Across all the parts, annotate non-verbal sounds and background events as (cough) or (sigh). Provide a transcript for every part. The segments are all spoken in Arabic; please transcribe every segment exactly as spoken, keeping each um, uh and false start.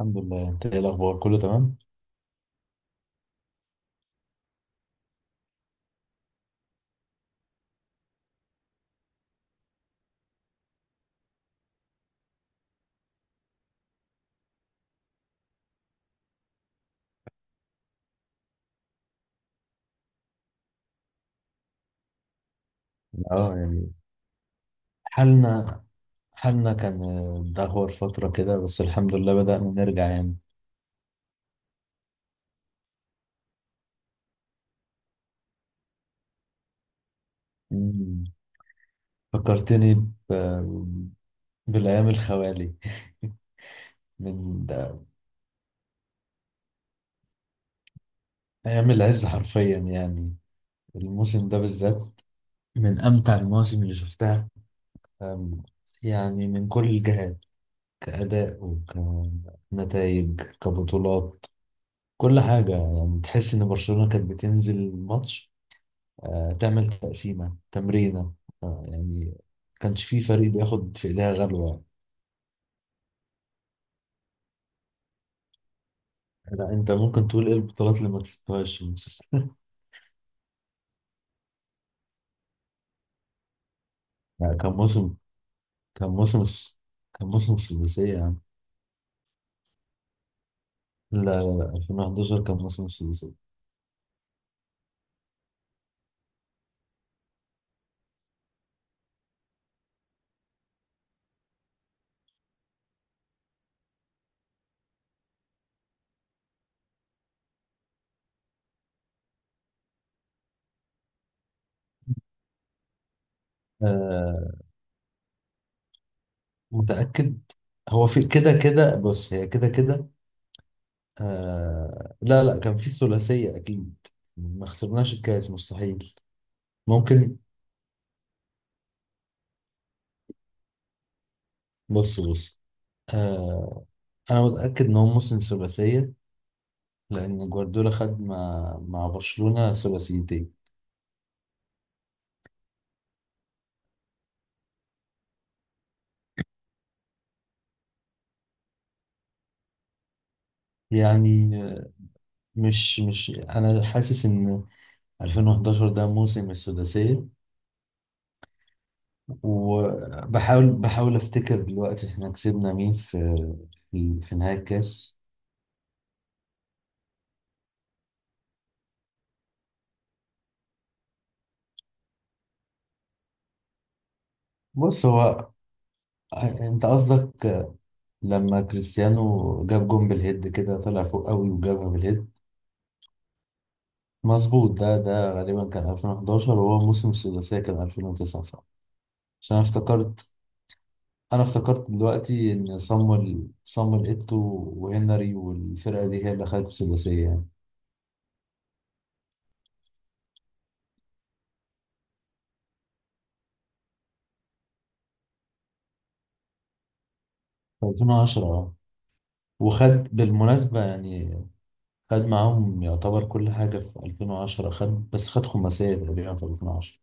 الحمد لله. انت ايه الاخبار؟ كله تمام. اه، يعني حالنا حالنا كان آه، دهور فترة كده، بس الحمد لله بدأنا نرجع يعني. مم. فكرتني ب... بالأيام الخوالي. (laughs) من ده، أيام العز حرفيا يعني. الموسم ده بالذات من أمتع المواسم اللي شفتها، أم، يعني من كل الجهات، كأداء وكنتائج كبطولات، كل حاجة. يعني تحس إن برشلونة كانت بتنزل ماتش آه، تعمل تقسيمة تمرينة يعني. كانش في فريق بياخد في ايديها غلوة. لا، انت ممكن تقول ايه البطولات اللي ما كسبتهاش. (laughs) لا، كان موسم كان موسم الس- كان موسم السداسية يعني. لا، لا، لا، ألفين وحداشر كان موسم السداسية. آه، متأكد. هو في كده كده، بص، هي كده كده. آه، لا، لا، كان في ثلاثية أكيد. ما خسرناش الكاس، مستحيل. ممكن. بص، بص، آه، أنا متأكد إن هو موسم ثلاثية، لأن جوارديولا خد مع مع برشلونة ثلاثيتين. يعني مش مش أنا حاسس إن ألفين وحداشر ده موسم السداسية. وبحاول بحاول أفتكر دلوقتي إحنا كسبنا مين في في في نهاية الكاس. بص، هو أنت قصدك لما كريستيانو جاب جون بالهيد كده، طلع فوق قوي وجابها بالهيد. مظبوط، ده ده غالبا كان ألفين وحداشر، وهو موسم السداسية كان ألفين وتسعة فعلا. عشان أنا افتكرت انا افتكرت دلوقتي ان صامويل صامويل ايتو وهنري والفرقه دي هي اللي خدت الثلاثيه يعني في ألفين وعشرة. اه، وخد بالمناسبه يعني، خد معاهم يعتبر كل حاجه في ألفين وعشرة، خد بس خد خماسيه تقريبا في ألفين وعشرة.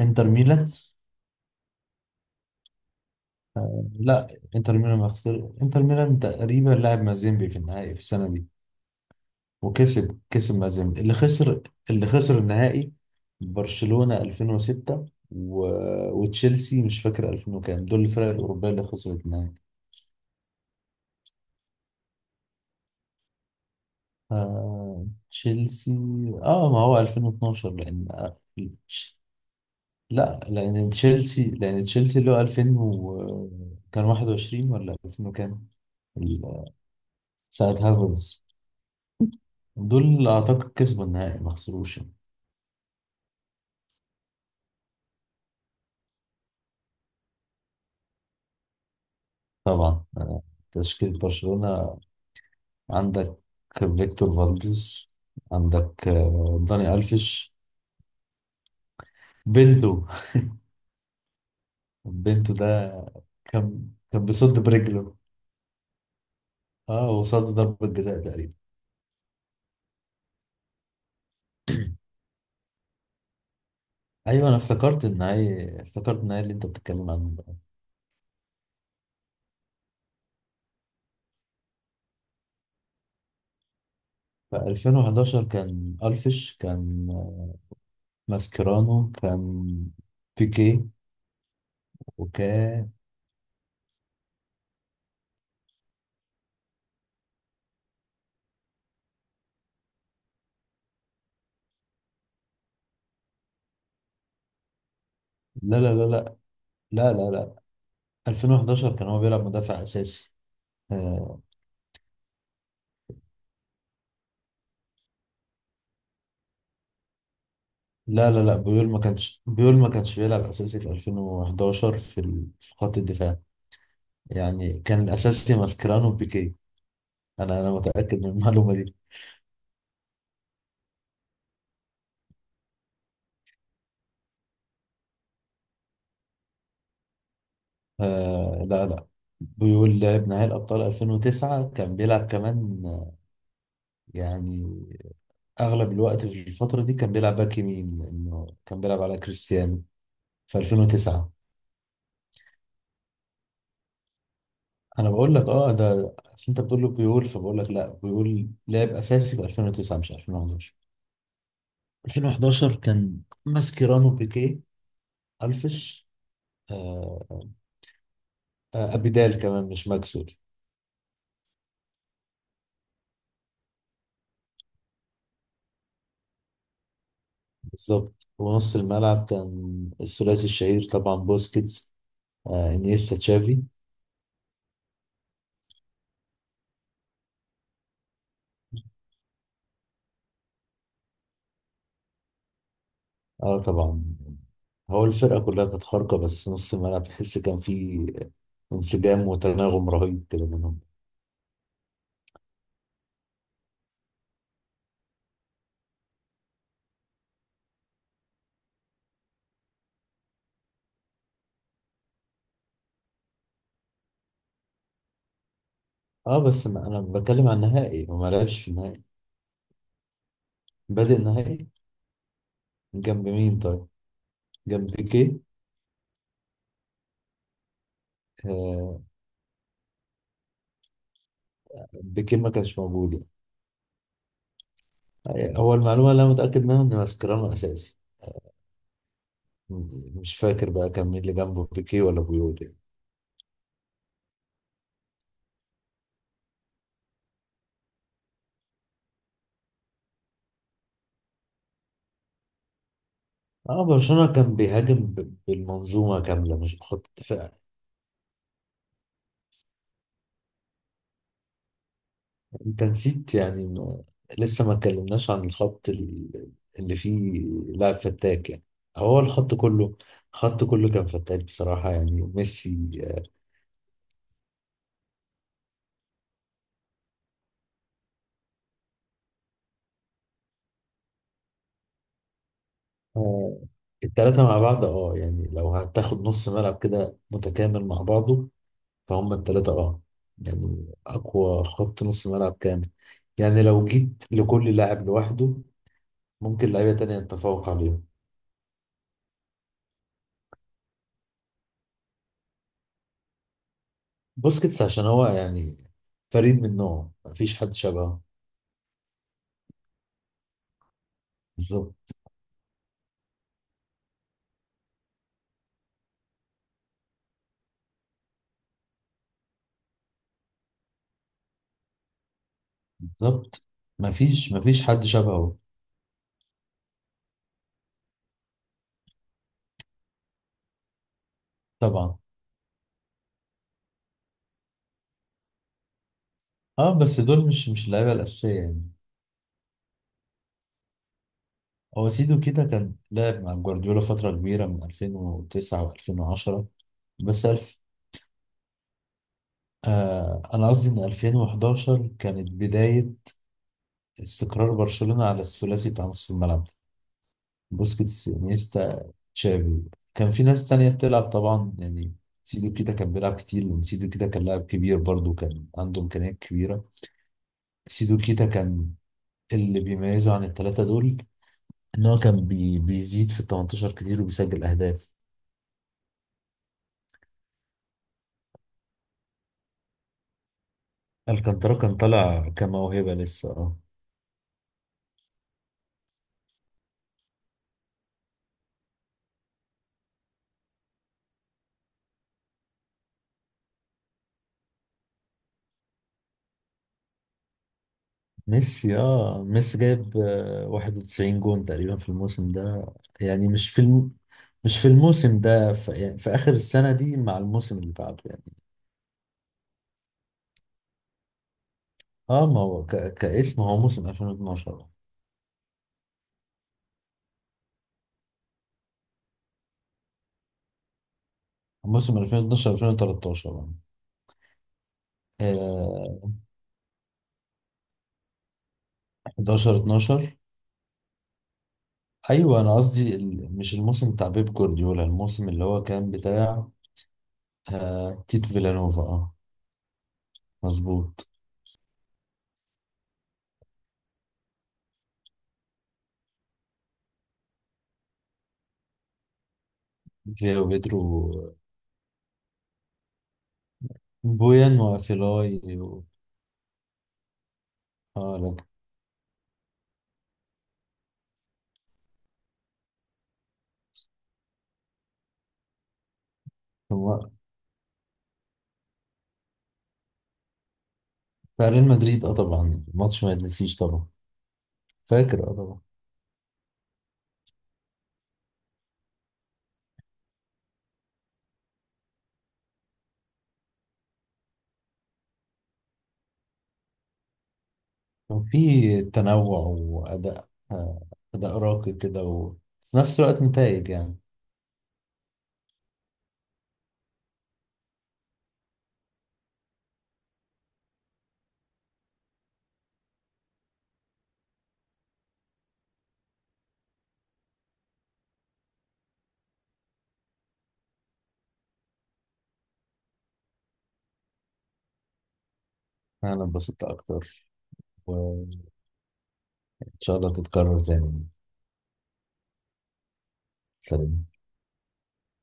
انتر ميلان، لا، انتر ميلان ما خسر. انتر ميلان تقريبا لعب مازيمبي في النهائي في السنه دي. وكسب كسب مازيمبي اللي خسر اللي خسر النهائي. برشلونة ألفين وستة و... وتشيلسي، مش فاكر ألفين وكام، دول الفرق الأوروبية اللي خسرت النهائي. آه... تشيلسي، اه ما هو ألفين واتناشر، لأن آه، لا، لأن تشيلسي لأن تشيلسي اللي هو ألفين و... كان واحد وعشرين ولا ألفين وكام، ال- ساعة هافرز دول أعتقد كسبوا النهائي، ما خسروش يعني. طبعا، آه، تشكيلة برشلونة. عندك فيكتور فالديز، عندك آه، داني ألفيش، بنتو بنتو ده كان كان بيصد برجله. اه، وصد ضربة جزاء تقريبا. ايوه، انا افتكرت النهائي افتكرت النهائي اللي انت بتتكلم عنه ده. في ألفين وحداشر كان الفيش، كان ماسكيرانو، كان بيكي، وكان. لا، لا، لا، لا، لا، لا، لا، ألفين وحداشر كان هو بيلعب مدافع اساسي. آه، لا، لا، لا، بيول ما كانش بيول ما كانش بيلعب اساسي في ألفين وحداشر في ال- في خط الدفاع. يعني كان الاساسي ماسكرانو وبيكي. انا انا متاكد من المعلومه دي. آه، لا، لا، بيول لعب نهائي الابطال ألفين وتسعة. كان بيلعب كمان آه، يعني اغلب الوقت في الفتره دي كان بيلعب باك يمين، لانه كان بيلعب على كريستيانو في ألفين وتسعة. انا بقول لك اه، ده أصل انت بتقول له بيول، فبقول لك لا، بيول لعب اساسي في ألفين وتسعة مش ألفين وحداشر. ألفين وحداشر كان ماسكيرانو، بيكيه، ألفش، آه آه، أبيدال كمان، مش ماكسول. بالظبط، ونص الملعب كان الثلاثي الشهير طبعا، بوسكيتس، آه إنيستا، تشافي. اه، طبعا. هو الفرقة كلها كانت خارقة، بس نص الملعب تحس كان فيه انسجام وتناغم رهيب كده منهم. اه، بس ما أنا بتكلم عن النهائي، هو ما لعبش في النهائي. بادئ النهائي. جنب مين طيب؟ جنب بيكيه. آه، بيكيه ما كانش موجود يعني. هو المعلومة اللي أنا متأكد منها إن mascherano أساسي. م- مش فاكر بقى كان مين اللي جنبه، بيكي ولا بيول يعني. اه، برشلونة كان بيهاجم ب- بالمنظومة كاملة، مش بخط دفاع. انت نسيت يعني، ما- لسه ما اتكلمناش عن الخط ال- اللي فيه لاعب فتاك يعني. هو الخط كله الخط كله كان فتاك بصراحة، يعني ميسي. آه، آه، التلاتة مع بعض، اه يعني لو هتاخد نص ملعب كده متكامل مع بعضه، فهم التلاتة اه. يعني أقوى خط نص ملعب كامل. يعني لو جيت لكل لاعب لوحده ممكن لعيبة تانية نتفوق عليهم. بوسكيتس عشان هو يعني فريد من نوعه، مفيش حد شبهه. بالظبط. بالظبط، مفيش مفيش حد شبهه. طبعا، اه بس دول مش مش اللعيبة الأساسية يعني. هو سيدو كده كان لعب مع جوارديولا فترة كبيرة من ألفين وتسعة و2010. بس ألف، آه أنا قصدي إن ألفين وحداشر كانت بداية استقرار برشلونة على الثلاثي بتاع نص الملعب. بوسكيتس، انيستا، تشافي. كان في ناس تانية بتلعب طبعا يعني. سيدو كيتا كان بيلعب كتير، لأن سيدو كيتا كان لاعب كبير، برضه كان عنده إمكانيات كبيرة. سيدو كيتا كان اللي بيميزه عن التلاتة دول إن هو كان بي بيزيد في ال تمنتاشر كتير، وبيسجل أهداف. الكانترا كان طالع كموهبة لسه اه. ميسي اه ميسي جايب آه، واحد وتسعين جون تقريبا في الموسم ده. يعني مش في الم... مش في الموسم ده، في... يعني في آخر السنة دي مع الموسم اللي بعده يعني. اه ما هو ك... كاسم هو موسم ألفين واتناشر. موسم ألفين واتناشر ألفين وتلتاشر. آه حداشر اتناشر. ايوه، انا قصدي ال... مش الموسم بتاع بيب جوارديولا، الموسم اللي هو كان بتاع آه تيتو فيلانوفا، اه، مظبوط. فيا وبيدرو، بويان وافيلاي و... اه لكن بتاع ريال مدريد. اه، طبعا الماتش ما يتنسيش طبعا. فاكر، اه طبعا. كان في تنوع واداء آه، اداء راقي كده، وفي نفس الوقت نتائج يعني. انا انبسطت اكتر، وان شاء الله تتكرر تاني. سلام.